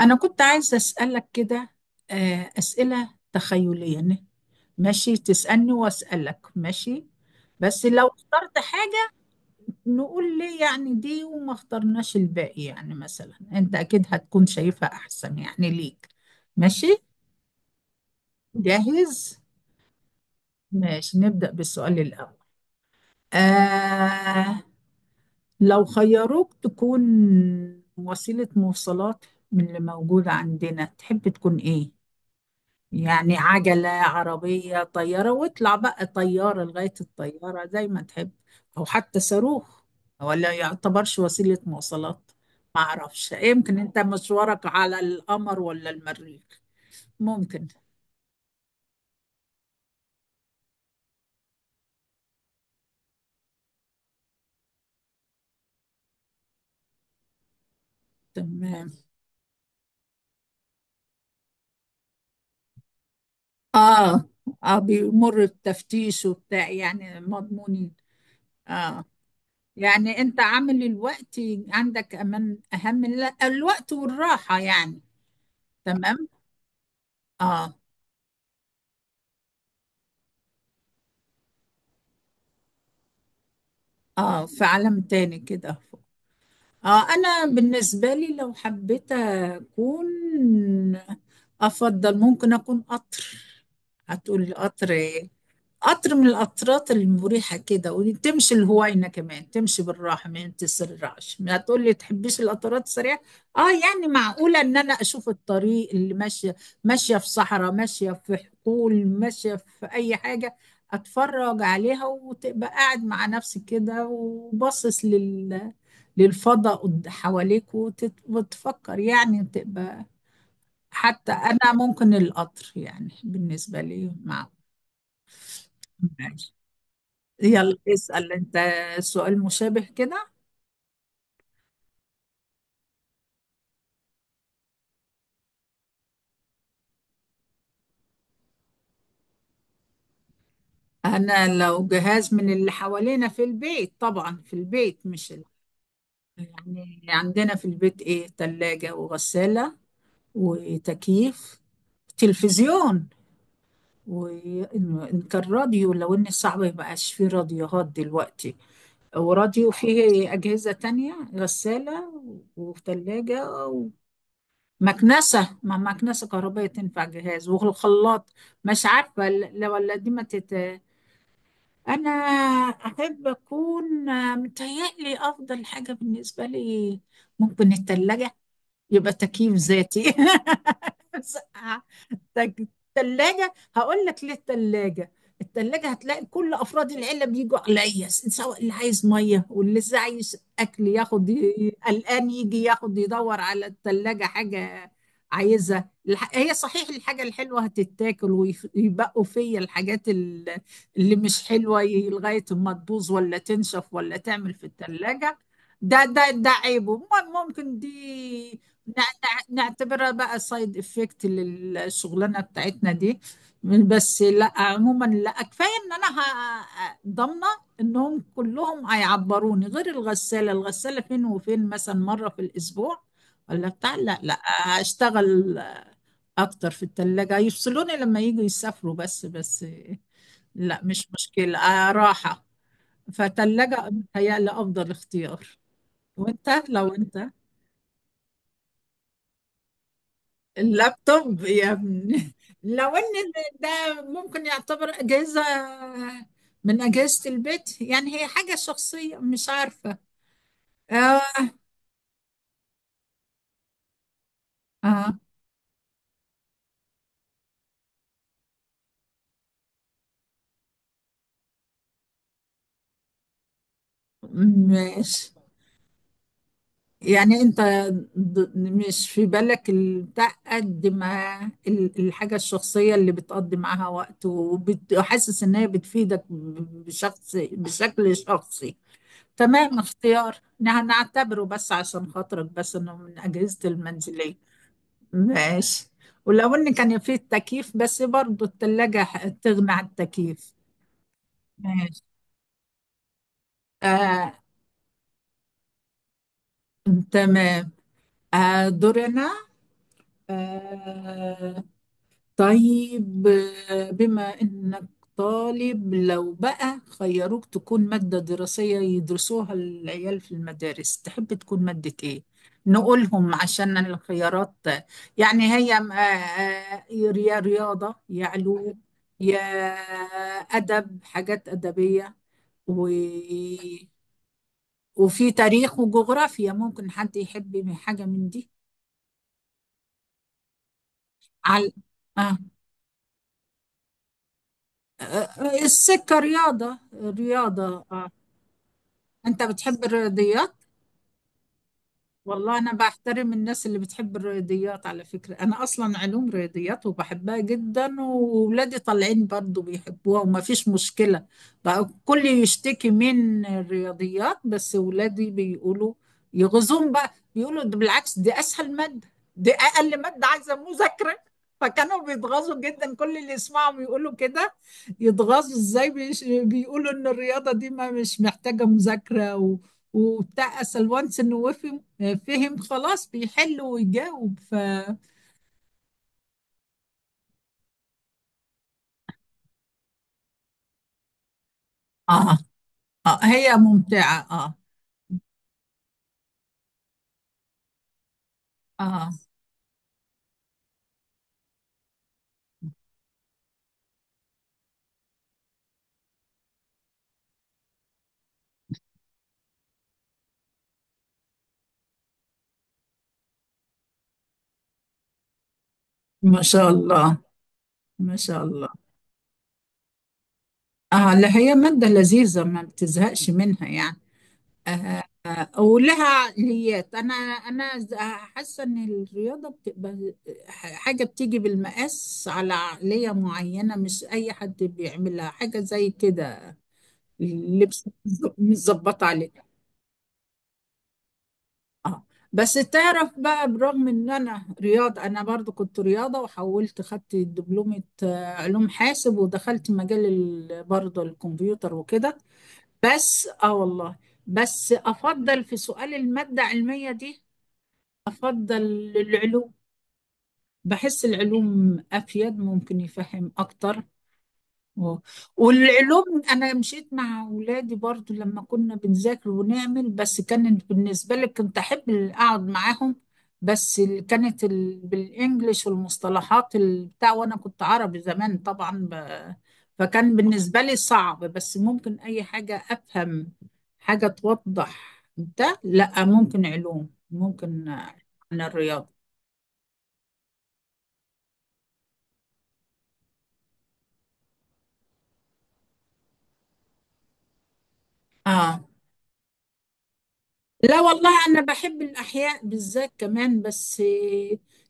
أنا كنت عايزة أسألك كده، آه، أسئلة تخيلية ماشي. تسألني وأسألك. ماشي، بس لو اخترت حاجة نقول ليه يعني دي وما اخترناش الباقي. يعني مثلا أنت أكيد هتكون شايفها أحسن يعني ليك. ماشي. جاهز. ماشي نبدأ بالسؤال الأول. آه، لو خيروك تكون وسيلة مواصلات من اللي موجودة عندنا تحب تكون إيه؟ يعني عجلة، عربية، طيارة، واطلع بقى طيارة لغاية الطيارة زي ما تحب. أو حتى صاروخ، ولا يعتبرش وسيلة مواصلات. ما أعرفش، يمكن أنت مشوارك على القمر ولا المريخ، ممكن. تمام. آه. آه بيمر بتفتيش وبتاع، يعني مضمونين. آه. يعني أنت عامل الوقت عندك أمان أهم لا، الوقت والراحة يعني. تمام. آه. آه في عالم تاني كده. اه انا بالنسبه لي لو حبيت اكون، افضل ممكن اكون قطر. هتقول لي قطر إيه؟ قطر من القطرات المريحة كده، وتمشي الهوينة، كمان تمشي بالراحة ما تسرعش. ما تقولي تحبيش القطرات السريعة. اه يعني معقولة ان انا اشوف الطريق اللي ماشية، ماشية في صحراء، ماشية في حقول، ماشية في اي حاجة. اتفرج عليها وتبقى قاعد مع نفسك كده وباصص لل، للفضاء حواليك وتفكر. يعني تبقى، حتى انا ممكن القطر يعني بالنسبة لي، معقول. يلا اسأل انت. سؤال مشابه كده. انا لو جهاز من اللي حوالينا في البيت، طبعا في البيت مش يعني عندنا في البيت ايه، تلاجة، وغسالة، وتكييف، تلفزيون، وإن كان راديو، لو إن صعب مبقاش فيه راديوهات دلوقتي، وراديو، فيه أجهزة تانية، غسالة، وثلاجة، مكنسة، ما مكنسة كهربائية تنفع جهاز، والخلاط. مش عارفة لو ولا دي ما تت... أنا أحب أكون، آه، متهيألي أفضل حاجة بالنسبة لي ممكن التلاجة. يبقى تكييف ذاتي. بس تج- تلاجة. هقول لك ليه التلاجة. التلاجة هتلاقي كل أفراد العيلة بيجوا عليا، سواء اللي عايز مية واللي لسه عايز أكل ياخد، قلقان يجي ياخد يدور على التلاجة حاجة عايزها. هي صحيح الحاجة الحلوة هتتاكل، ويبقوا فيا الحاجات اللي مش حلوة، لغاية ما تبوظ ولا تنشف ولا تعمل في التلاجة. ده عيبه. ممكن دي نعتبرها بقى سايد افكت للشغلانه بتاعتنا دي. بس لا عموما، لا كفايه ان انا ضامنه انهم كلهم هيعبروني، غير الغساله فين وفين، مثلا مره في الاسبوع، ولا بتاع، لا لا، هشتغل اكتر في الثلاجه. يفصلوني لما يجوا يسافروا، بس لا مش مشكله، آه، راحه. فتلاجة متهيألي افضل اختيار. وانت لو انت. اللابتوب يا ابني! لو ان ده ممكن يعتبر اجهزه من اجهزه البيت. يعني هي حاجه شخصيه مش عارفه. اه اه. ماشي، يعني انت مش في بالك البتاع قد ما الحاجه الشخصيه اللي بتقضي معاها وقت وحاسس ان هي بتفيدك بشخص بشكل شخصي. تمام، اختيار نعتبره بس عشان خاطرك، بس انه من اجهزه المنزليه. ماشي. ولو ان كان فيه التكييف، بس برضو التلاجة تغنى عن التكييف. ماشي. آه تمام. آه دورنا. آه. طيب، آه، بما إنك طالب، لو بقى خيروك تكون مادة دراسية يدرسوها العيال في المدارس تحب تكون مادة إيه؟ نقولهم عشان الخيارات يعني، هي آه، آه، يا رياضة، يا علوم، يا أدب، حاجات أدبية، و... وفي تاريخ وجغرافيا. ممكن حد يحب من حاجة من دي. على آه. آه، آه، السكة رياضة. رياضة آه. أنت بتحب الرياضيات؟ والله أنا بحترم الناس اللي بتحب الرياضيات على فكرة. أنا أصلا علوم رياضيات وبحبها جدا، وولادي طالعين برضو بيحبوها وما فيش مشكلة. بقى الكل يشتكي من الرياضيات، بس ولادي بيقولوا، يغزون بقى بيقولوا ده بالعكس دي أسهل مادة، دي أقل مادة عايزة مذاكرة. فكانوا بيتغاظوا جدا كل اللي يسمعهم يقولوا كده. يتغاظوا إزاي، بيقولوا إن الرياضة دي ما مش محتاجة مذاكرة، و... وبتاع أسأل وانس إنه، وفي فهم خلاص بيحل ويجاوب. ف آه. اه هي ممتعة اه. اه، ما شاء الله ما شاء الله. اه لا، هي مادة لذيذة ما بتزهقش منها يعني. آه. ولها عقليات. انا حاسة ان الرياضة بتبقى حاجة بتيجي بالمقاس على عقلية معينة، مش اي حد بيعملها. حاجة زي كده، لبس متظبط عليه. اه. بس تعرف بقى، برغم ان انا رياضة، انا برضو كنت رياضة وحولت، خدت دبلومة، آه، علوم حاسب، ودخلت مجال برضو الكمبيوتر وكده. بس اه والله. بس افضل في سؤال المادة العلمية دي، افضل العلوم. بحس العلوم افيد، ممكن يفهم اكتر. اه. والعلوم انا مشيت مع اولادي برضو لما كنا بنذاكر ونعمل. بس كانت بالنسبه لي كنت احب اقعد معاهم. بس كانت ال... بالانجلش والمصطلحات بتاع، وانا كنت عربي زمان طبعا ب... فكان بالنسبه لي صعب. بس ممكن اي حاجه افهم حاجه توضح ده، لا ممكن علوم. ممكن، آه، عن الرياضه. اه لا والله، أنا بحب الأحياء بالذات كمان، بس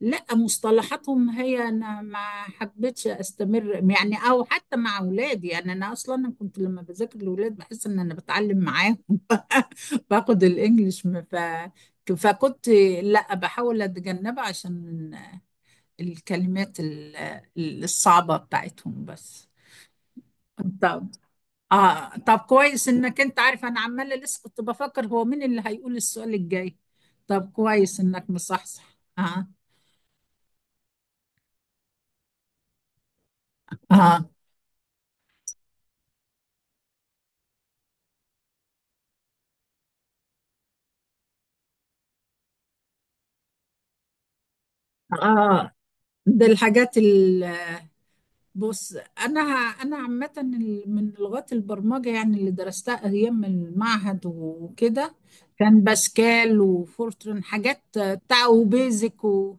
لا مصطلحاتهم، هي أنا ما حبيتش أستمر يعني، أو حتى مع أولادي. يعني أنا أصلا، أنا كنت لما بذاكر لأولاد بحس إن أنا بتعلم معاهم. باخد الإنجليش، ما ف... فكنت لا، بحاول أتجنبها عشان الكلمات الصعبة بتاعتهم بس. اه طب كويس انك انت عارف، انا عمالة لسه كنت بفكر هو مين اللي هيقول السؤال الجاي. طب كويس انك مصحصح. اه. اه. اه. ده الحاجات ال، بص، انا انا عامة، من لغات البرمجة، يعني اللي درستها ايام المعهد وكده، كان باسكال وفورترن، حاجات بتاع، وبيزك، و...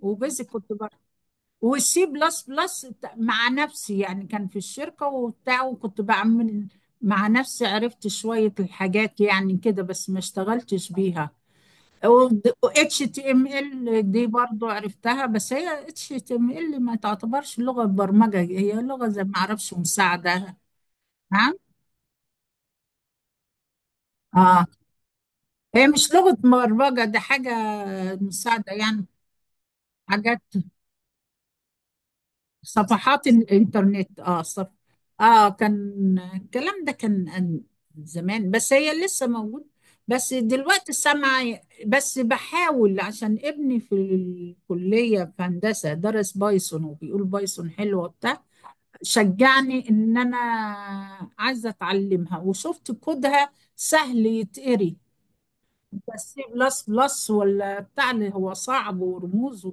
وبيزك كنت، والسي بلس بلس، مع نفسي يعني كان في الشركة وبتاع وكنت بعمل، مع نفسي عرفت شوية الحاجات يعني كده، بس ما اشتغلتش بيها. و اتش تي ام ال دي برضو عرفتها. بس هي اتش تي ام ال ما تعتبرش لغة برمجة، هي لغة زي ما اعرفش مساعدة. نعم. اه، هي مش لغة برمجة دي، حاجة مساعدة يعني، حاجات، صفحات الانترنت. اه صف، اه كان الكلام ده كان زمان، بس هي لسه موجود. بس دلوقتي السمع. بس بحاول عشان ابني في الكلية في هندسة درس بايثون وبيقول بايثون حلوة بتاع، شجعني ان انا عايزة اتعلمها، وشفت كودها سهل يتقري. بس سي بلس بلس ولا بتاع اللي هو صعب ورموز،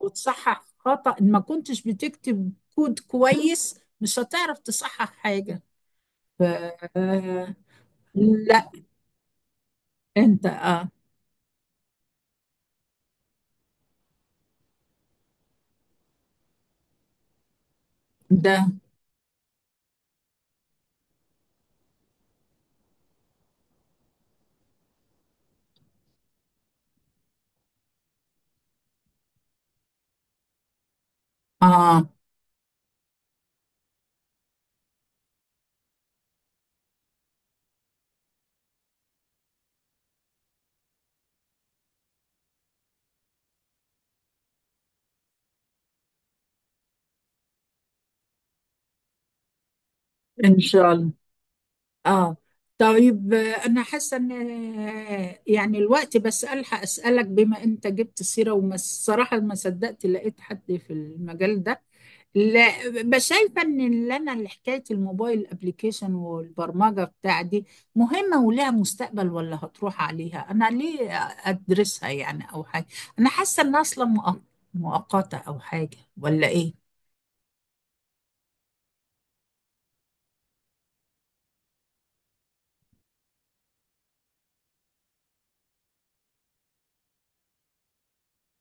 وتصحح خطأ إن ما كنتش بتكتب كود كويس مش هتعرف تصحح حاجة. ف... لا انت اه. ده. اه ان شاء الله. اه، طيب، آه، انا حاسه ان آه، يعني الوقت بس الحق اسالك، بما انت جبت سيره، وما الصراحه ما صدقت لقيت حد في المجال ده. لا، بس شايفه ان اللي انا، اللي حكايه الموبايل ابلكيشن والبرمجه بتاع دي، مهمه ولها مستقبل، ولا هتروح عليها انا ليه ادرسها يعني، او حاجه. انا حاسه انها اصلا مؤقته، او حاجه، ولا ايه؟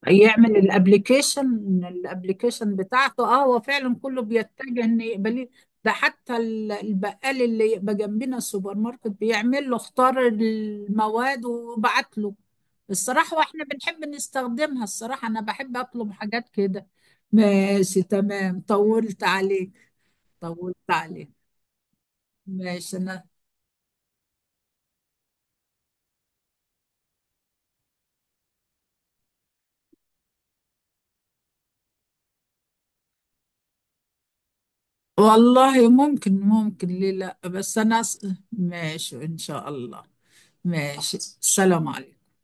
يعمل الابليكيشن. الابليكيشن بتاعته، اه هو فعلا كله بيتجه ان يقبليه. ده حتى البقال اللي يبقى جنبنا السوبر ماركت بيعمل له، اختار المواد وبعت له. الصراحة واحنا بنحب نستخدمها. الصراحة انا بحب اطلب حاجات كده. ماشي، تمام. طولت عليك. طولت عليك. ماشي، انا والله ممكن، ممكن ليه لا. بس انا ماشي، ان شاء الله. ماشي، السلام عليكم.